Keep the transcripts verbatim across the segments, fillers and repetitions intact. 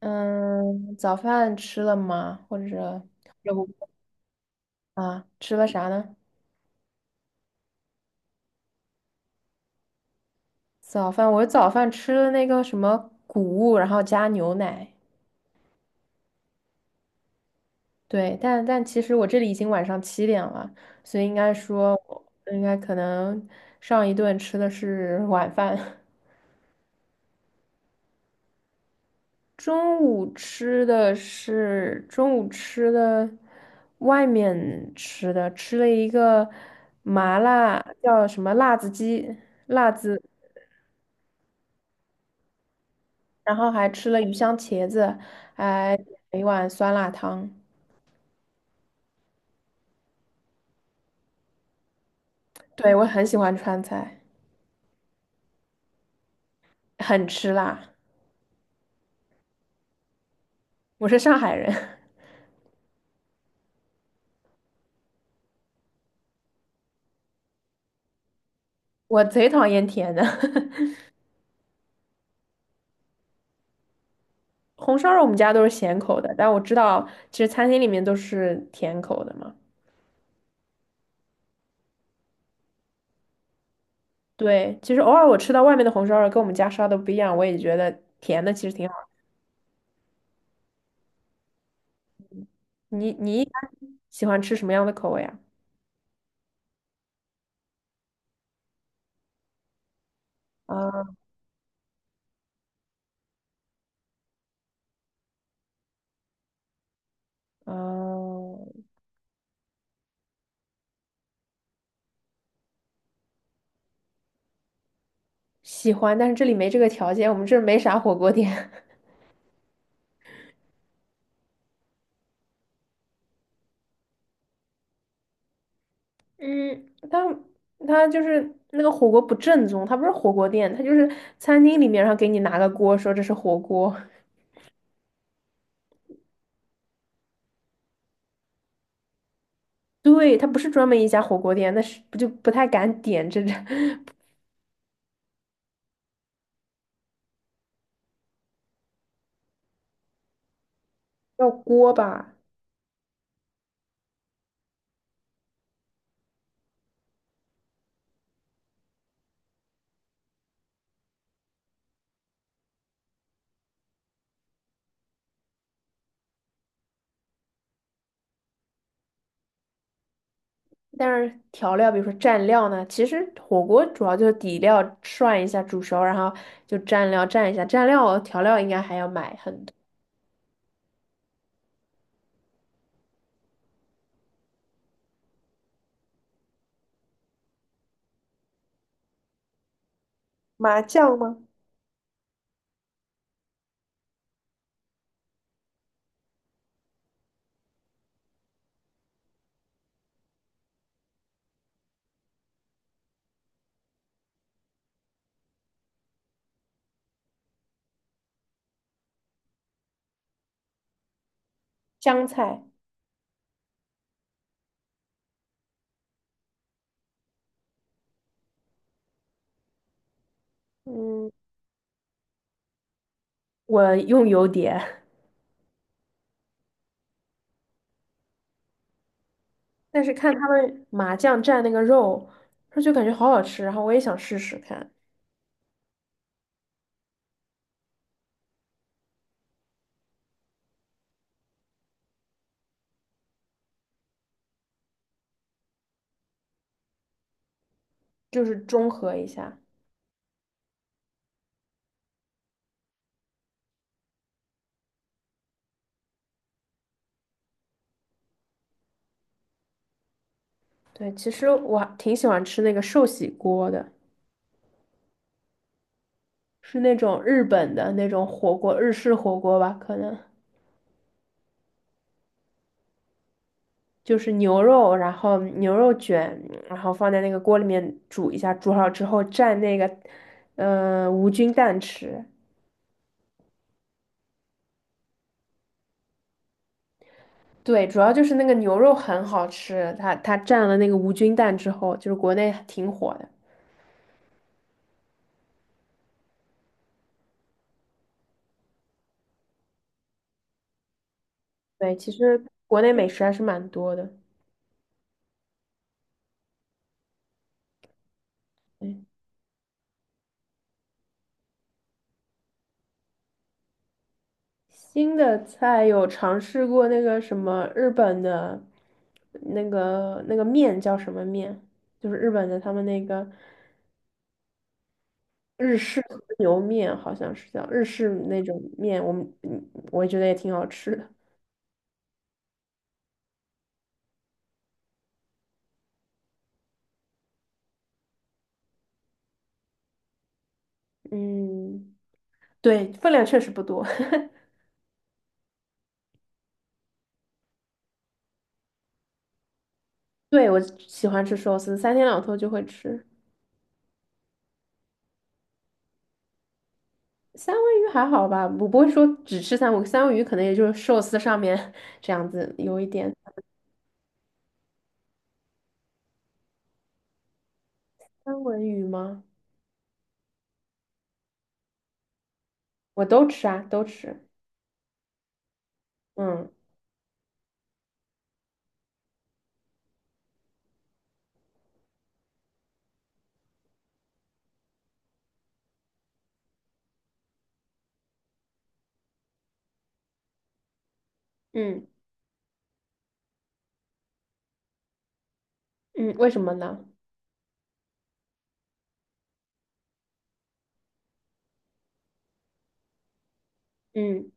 嗯，早饭吃了吗？或者有啊，吃了啥呢？早饭，我早饭吃了那个什么谷物，然后加牛奶。对，但但其实我这里已经晚上七点了，所以应该说我应该可能上一顿吃的是晚饭，中午吃的是中午吃的外面吃的，吃了一个麻辣叫什么辣子鸡，辣子然后还吃了鱼香茄子，还点了一碗酸辣汤。对，我很喜欢川菜，很吃辣。我是上海人，我贼讨厌甜的。红烧肉我们家都是咸口的，但我知道其实餐厅里面都是甜口的嘛。对，其实偶尔我吃到外面的红烧肉跟我们家烧的不一样，我也觉得甜的其实挺好。你你一般喜欢吃什么样的口味啊？啊嗯、喜欢，但是这里没这个条件，我们这儿没啥火锅店。嗯，但他就是那个火锅不正宗，他不是火锅店，他就是餐厅里面，然后给你拿个锅，说这是火锅。对，他不是专门一家火锅店，那是不就不太敢点这这 叫锅吧？但是调料，比如说蘸料呢，其实火锅主要就是底料涮一下煮熟，然后就蘸料蘸一下，蘸料调料应该还要买很多，麻酱吗？香菜，嗯，我用油碟。但是看他们麻酱蘸那个肉，说就感觉好好吃，然后我也想试试看，就是中和一下。对，其实我还挺喜欢吃那个寿喜锅的，是那种日本的那种火锅，日式火锅吧，可能就是牛肉，然后牛肉卷，然后放在那个锅里面煮一下，煮好之后蘸那个，呃，无菌蛋吃。对，主要就是那个牛肉很好吃，它它蘸了那个无菌蛋之后，就是国内挺火的。对，其实国内美食还是蛮多的。对，新的菜有尝试过那个什么日本的，那个那个面叫什么面？就是日本的他们那个日式和牛面，好像是叫日式那种面。我们嗯我觉得也挺好吃的。嗯，对，分量确实不多。对，我喜欢吃寿司，三天两头就会吃。三文鱼还好吧，我不会说只吃三文鱼三文鱼可能也就是寿司上面 这样子有一点。三文鱼吗？我都吃啊，都吃。嗯嗯嗯，为什么呢？嗯，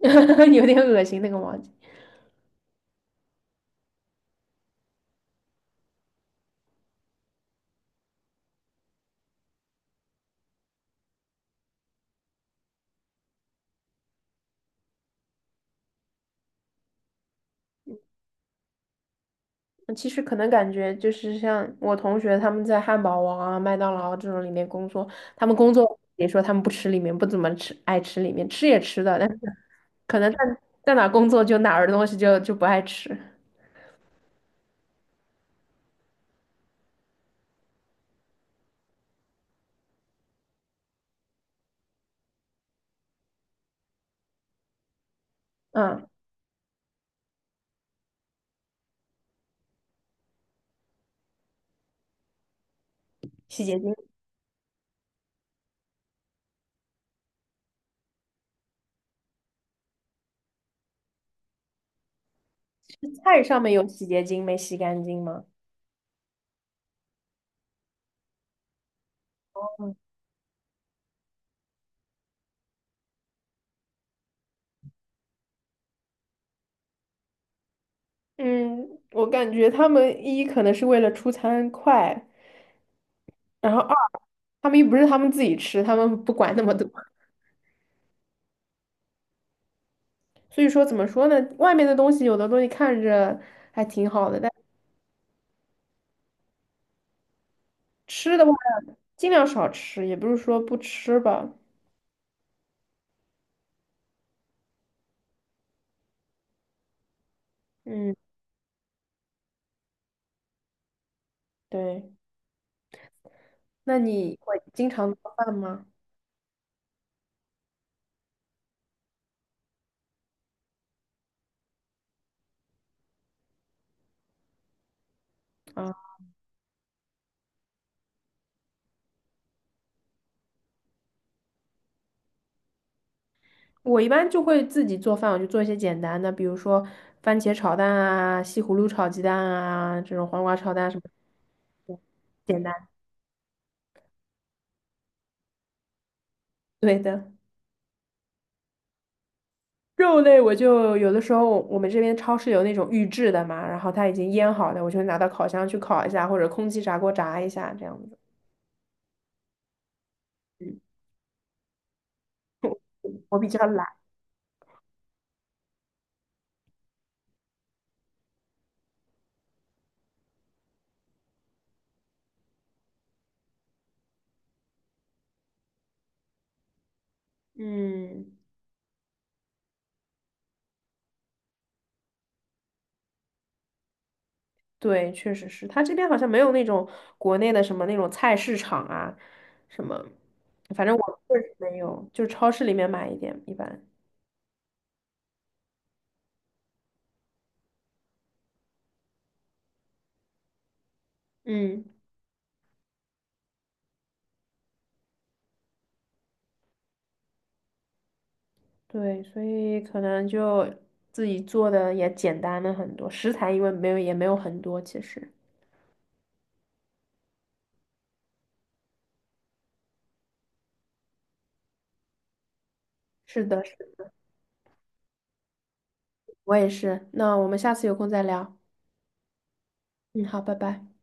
有点恶心那个王子。其实可能感觉就是像我同学他们在汉堡王啊、麦当劳啊这种里面工作，他们工作也说他们不吃里面，不怎么吃，爱吃里面，吃也吃的，但是可能在在哪工作就哪儿的东西就就不爱吃。嗯，洗洁精，菜上面有洗洁精没洗干净吗？嗯，我感觉他们一可能是为了出餐快，然后二，他们又不是他们自己吃，他们不管那么多。所以说，怎么说呢？外面的东西有的东西看着还挺好的，但吃的话尽量少吃，也不是说不吃吧。嗯，对。那你会经常做饭吗？啊，我一般就会自己做饭，我就做一些简单的，比如说番茄炒蛋啊、西葫芦炒鸡蛋啊，这种黄瓜炒蛋什么简单。对的。肉类我就有的时候我们这边超市有那种预制的嘛，然后它已经腌好的，我就拿到烤箱去烤一下，或者空气炸锅炸一下这样子。嗯，我比较懒。嗯，对，确实是，它这边好像没有那种国内的什么那种菜市场啊，什么，反正我确实没有，就超市里面买一点一般。嗯，对，所以可能就自己做的也简单了很多，食材因为没有也没有很多，其实。是的，是我也是。那我们下次有空再聊。嗯，好，拜拜。